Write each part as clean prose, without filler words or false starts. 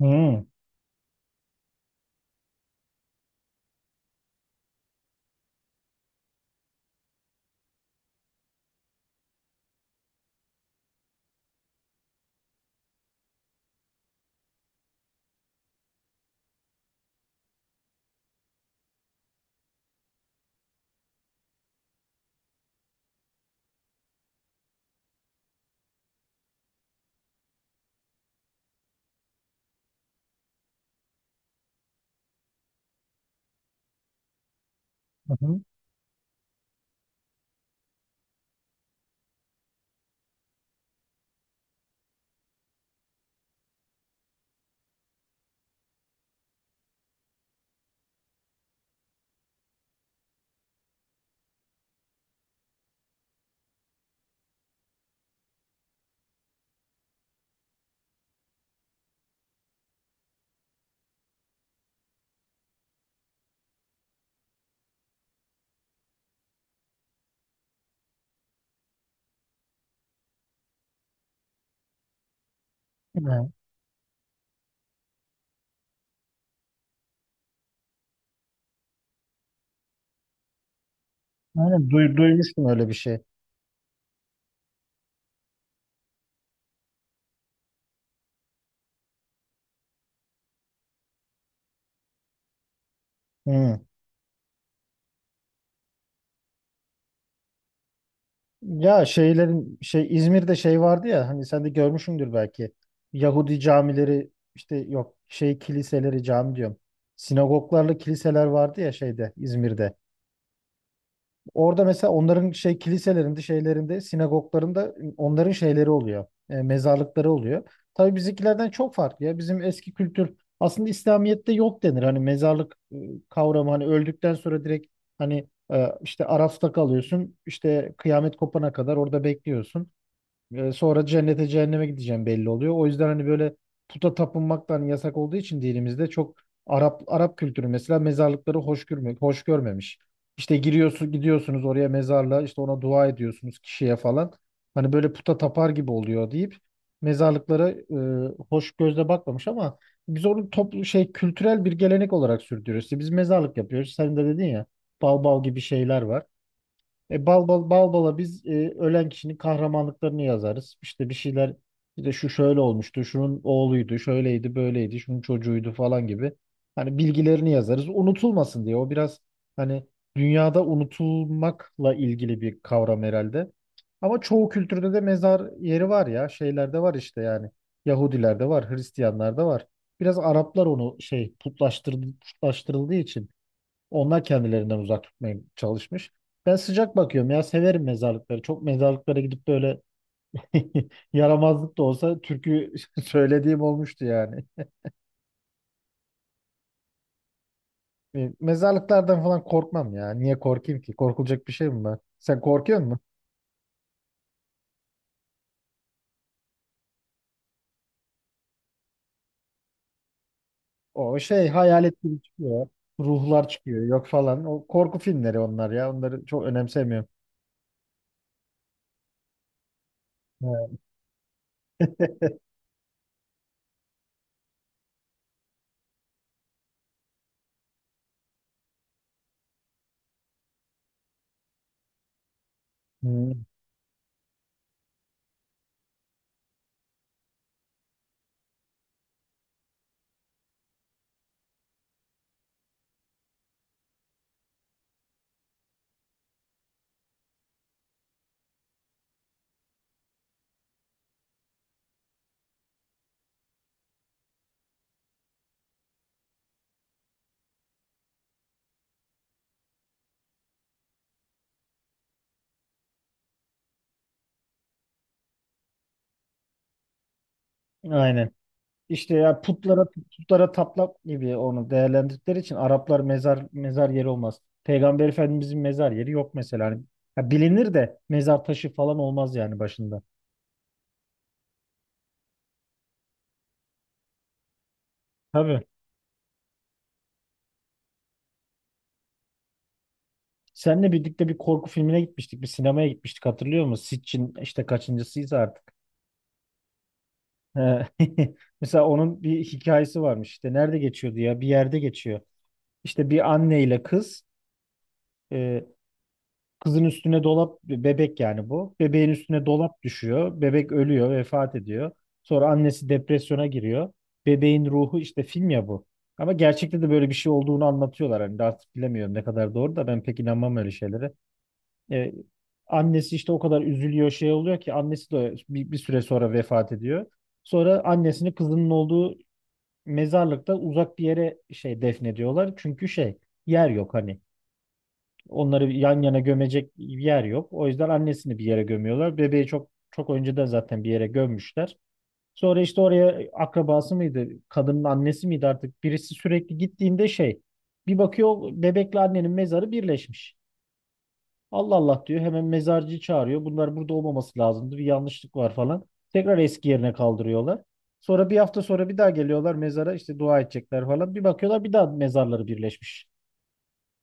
Hmm. Hı hı. Yani, duymuştum öyle bir şey. Hmm. Ya şey İzmir'de şey vardı ya, hani sen de görmüşsündür belki. Yahudi camileri, işte yok şey kiliseleri, cami diyorum. Sinagoglarla kiliseler vardı ya şeyde, İzmir'de. Orada mesela onların şey kiliselerinde, şeylerinde, sinagoglarında onların şeyleri oluyor, mezarlıkları oluyor. Tabii bizimkilerden çok farklı ya. Bizim eski kültür aslında İslamiyet'te yok denir. Hani mezarlık kavramı, hani öldükten sonra direkt hani işte Araf'ta kalıyorsun, işte kıyamet kopana kadar orada bekliyorsun. E, sonra cennete cehenneme gideceğim belli oluyor. O yüzden hani böyle puta tapınmak da hani yasak olduğu için dinimizde çok Arap kültürü mesela mezarlıkları hoş görme, hoş görmemiş. İşte giriyorsun, gidiyorsunuz oraya mezarlığa, işte ona dua ediyorsunuz, kişiye falan. Hani böyle puta tapar gibi oluyor deyip mezarlıklara hoş gözle bakmamış, ama biz onu toplu şey kültürel bir gelenek olarak sürdürüyoruz. İşte biz mezarlık yapıyoruz. Sen de dedin ya, bal bal gibi şeyler var. Bal bala biz ölen kişinin kahramanlıklarını yazarız. İşte bir şeyler, işte şu şöyle olmuştu, şunun oğluydu, şöyleydi, böyleydi, şunun çocuğuydu falan gibi. Hani bilgilerini yazarız, unutulmasın diye. O biraz hani dünyada unutulmakla ilgili bir kavram herhalde. Ama çoğu kültürde de mezar yeri var ya. Şeylerde var işte, yani. Yahudilerde var, Hristiyanlarda var. Biraz Araplar onu şey putlaştırdı, putlaştırıldığı için onlar kendilerinden uzak tutmaya çalışmış. Ben sıcak bakıyorum ya, severim mezarlıkları. Çok mezarlıklara gidip böyle yaramazlık da olsa türkü söylediğim olmuştu yani. E, mezarlıklardan falan korkmam ya. Niye korkayım ki? Korkulacak bir şey mi var? Sen korkuyor musun? O şey hayalet gibi çıkıyor. Ruhlar çıkıyor, yok falan. O korku filmleri onlar ya. Onları çok önemsemiyorum. Evet. Hı. Aynen. İşte ya putlara tapmak gibi onu değerlendirdikleri için Araplar mezar yeri olmaz. Peygamber Efendimizin mezar yeri yok mesela. Hani, ha bilinir de mezar taşı falan olmaz yani başında. Tabii. Seninle birlikte bir korku filmine gitmiştik. Bir sinemaya gitmiştik, hatırlıyor musun? Sitchin işte, kaçıncısıyız artık. He. Mesela onun bir hikayesi varmış. İşte nerede geçiyordu ya? Bir yerde geçiyor. İşte bir anne ile kız, e, kızın üstüne dolap, bebek yani bu. Bebeğin üstüne dolap düşüyor. Bebek ölüyor, vefat ediyor. Sonra annesi depresyona giriyor. Bebeğin ruhu, işte film ya bu. Ama gerçekte de böyle bir şey olduğunu anlatıyorlar. Hani de artık bilemiyorum ne kadar doğru, da ben pek inanmam öyle şeylere. Ee, Annesi işte o kadar üzülüyor şey oluyor ki, annesi de bir süre sonra vefat ediyor. Sonra annesini, kızının olduğu mezarlıkta uzak bir yere şey defnediyorlar. Çünkü şey, yer yok hani. Onları yan yana gömecek bir yer yok. O yüzden annesini bir yere gömüyorlar. Bebeği çok çok önceden zaten bir yere gömmüşler. Sonra işte oraya akrabası mıydı, kadının annesi miydi artık, birisi sürekli gittiğinde şey, bir bakıyor bebekle annenin mezarı birleşmiş. Allah Allah diyor, hemen mezarcıyı çağırıyor. Bunlar burada olmaması lazımdı, bir yanlışlık var falan. Tekrar eski yerine kaldırıyorlar. Sonra bir hafta sonra bir daha geliyorlar mezara, işte dua edecekler falan. Bir bakıyorlar, bir daha mezarları birleşmiş,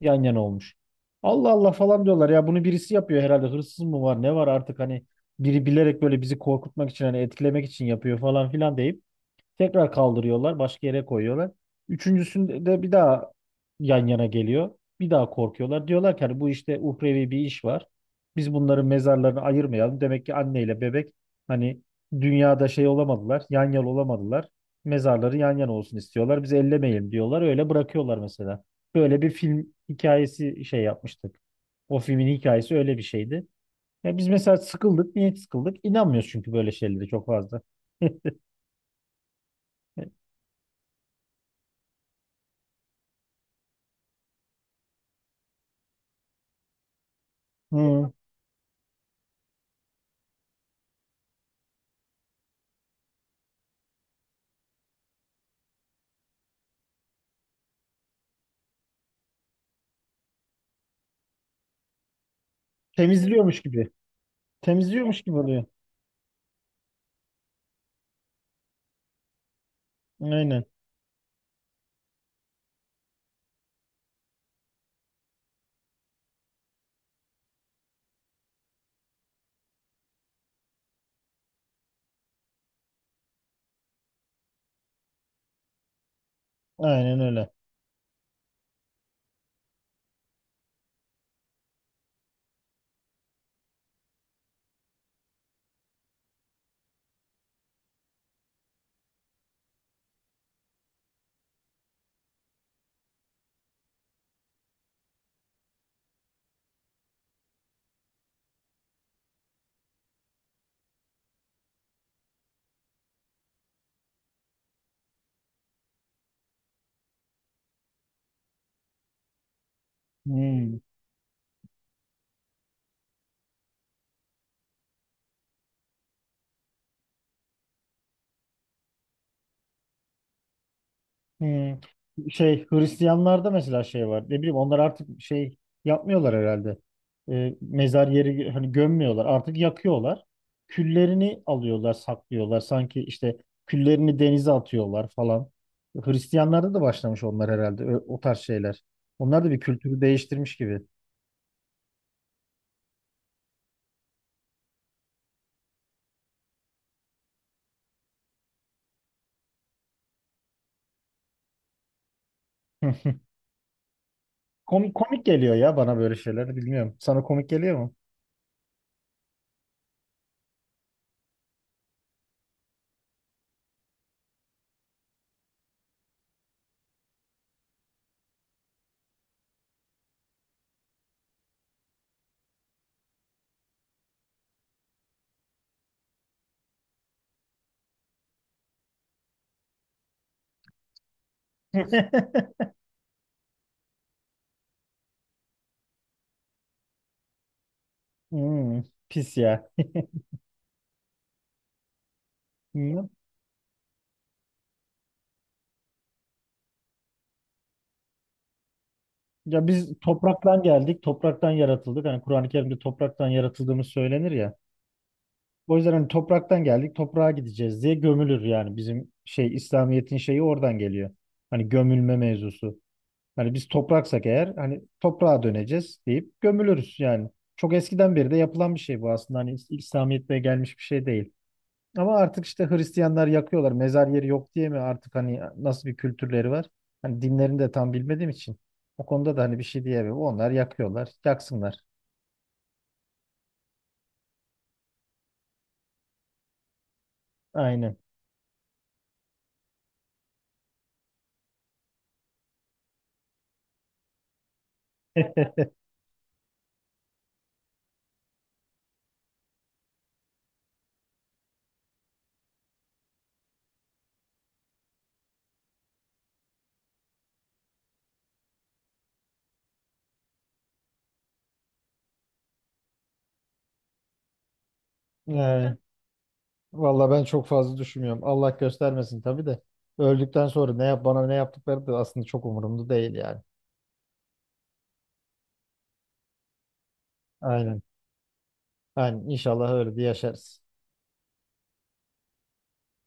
yan yana olmuş. Allah Allah falan diyorlar ya, bunu birisi yapıyor herhalde, hırsız mı var ne var artık, hani biri bilerek böyle bizi korkutmak için, hani etkilemek için yapıyor falan filan deyip tekrar kaldırıyorlar, başka yere koyuyorlar. Üçüncüsünde de bir daha yan yana geliyor. Bir daha korkuyorlar. Diyorlar ki, hani bu işte uhrevi bir iş var. Biz bunların mezarlarını ayırmayalım. Demek ki anneyle bebek hani dünyada şey olamadılar, yan yana olamadılar. Mezarları yan yana olsun istiyorlar. Biz ellemeyelim diyorlar. Öyle bırakıyorlar mesela. Böyle bir film hikayesi şey yapmıştık. O filmin hikayesi öyle bir şeydi. Ya biz mesela sıkıldık. Niye sıkıldık? İnanmıyoruz çünkü böyle şeylere çok fazla. Hı. Temizliyormuş gibi. Temizliyormuş gibi oluyor. Aynen. Aynen öyle. Hmm. Hmm. Şey Hristiyanlarda mesela şey var. Ne bileyim, onlar artık şey yapmıyorlar herhalde. Mezar yeri hani gömmüyorlar, artık yakıyorlar. Küllerini alıyorlar, saklıyorlar. Sanki işte küllerini denize atıyorlar falan. Hristiyanlarda da başlamış onlar herhalde, o tarz şeyler. Onlar da bir kültürü değiştirmiş gibi. Komik, komik geliyor ya bana böyle şeyler. Bilmiyorum. Sana komik geliyor mu? Hmm, pis ya. Hmm. Ya biz topraktan geldik, topraktan yaratıldık. Hani Kur'an-ı Kerim'de topraktan yaratıldığımız söylenir ya. O yüzden hani topraktan geldik, toprağa gideceğiz diye gömülür yani, bizim şey İslamiyet'in şeyi oradan geliyor. Hani gömülme mevzusu. Hani biz topraksak eğer, hani toprağa döneceğiz deyip gömülürüz yani. Çok eskiden beri de yapılan bir şey bu aslında. Hani İslamiyet'te gelmiş bir şey değil. Ama artık işte Hristiyanlar yakıyorlar. Mezar yeri yok diye mi artık, hani nasıl bir kültürleri var? Hani dinlerini de tam bilmediğim için, o konuda da hani bir şey diyemem. Onlar yakıyorlar, yaksınlar. Aynen. Yani valla ben çok fazla düşünmüyorum. Allah göstermesin tabii de. Öldükten sonra ne yap bana ne yaptıkları da aslında çok umurumda değil yani. Aynen. Yani inşallah öyle bir yaşarız.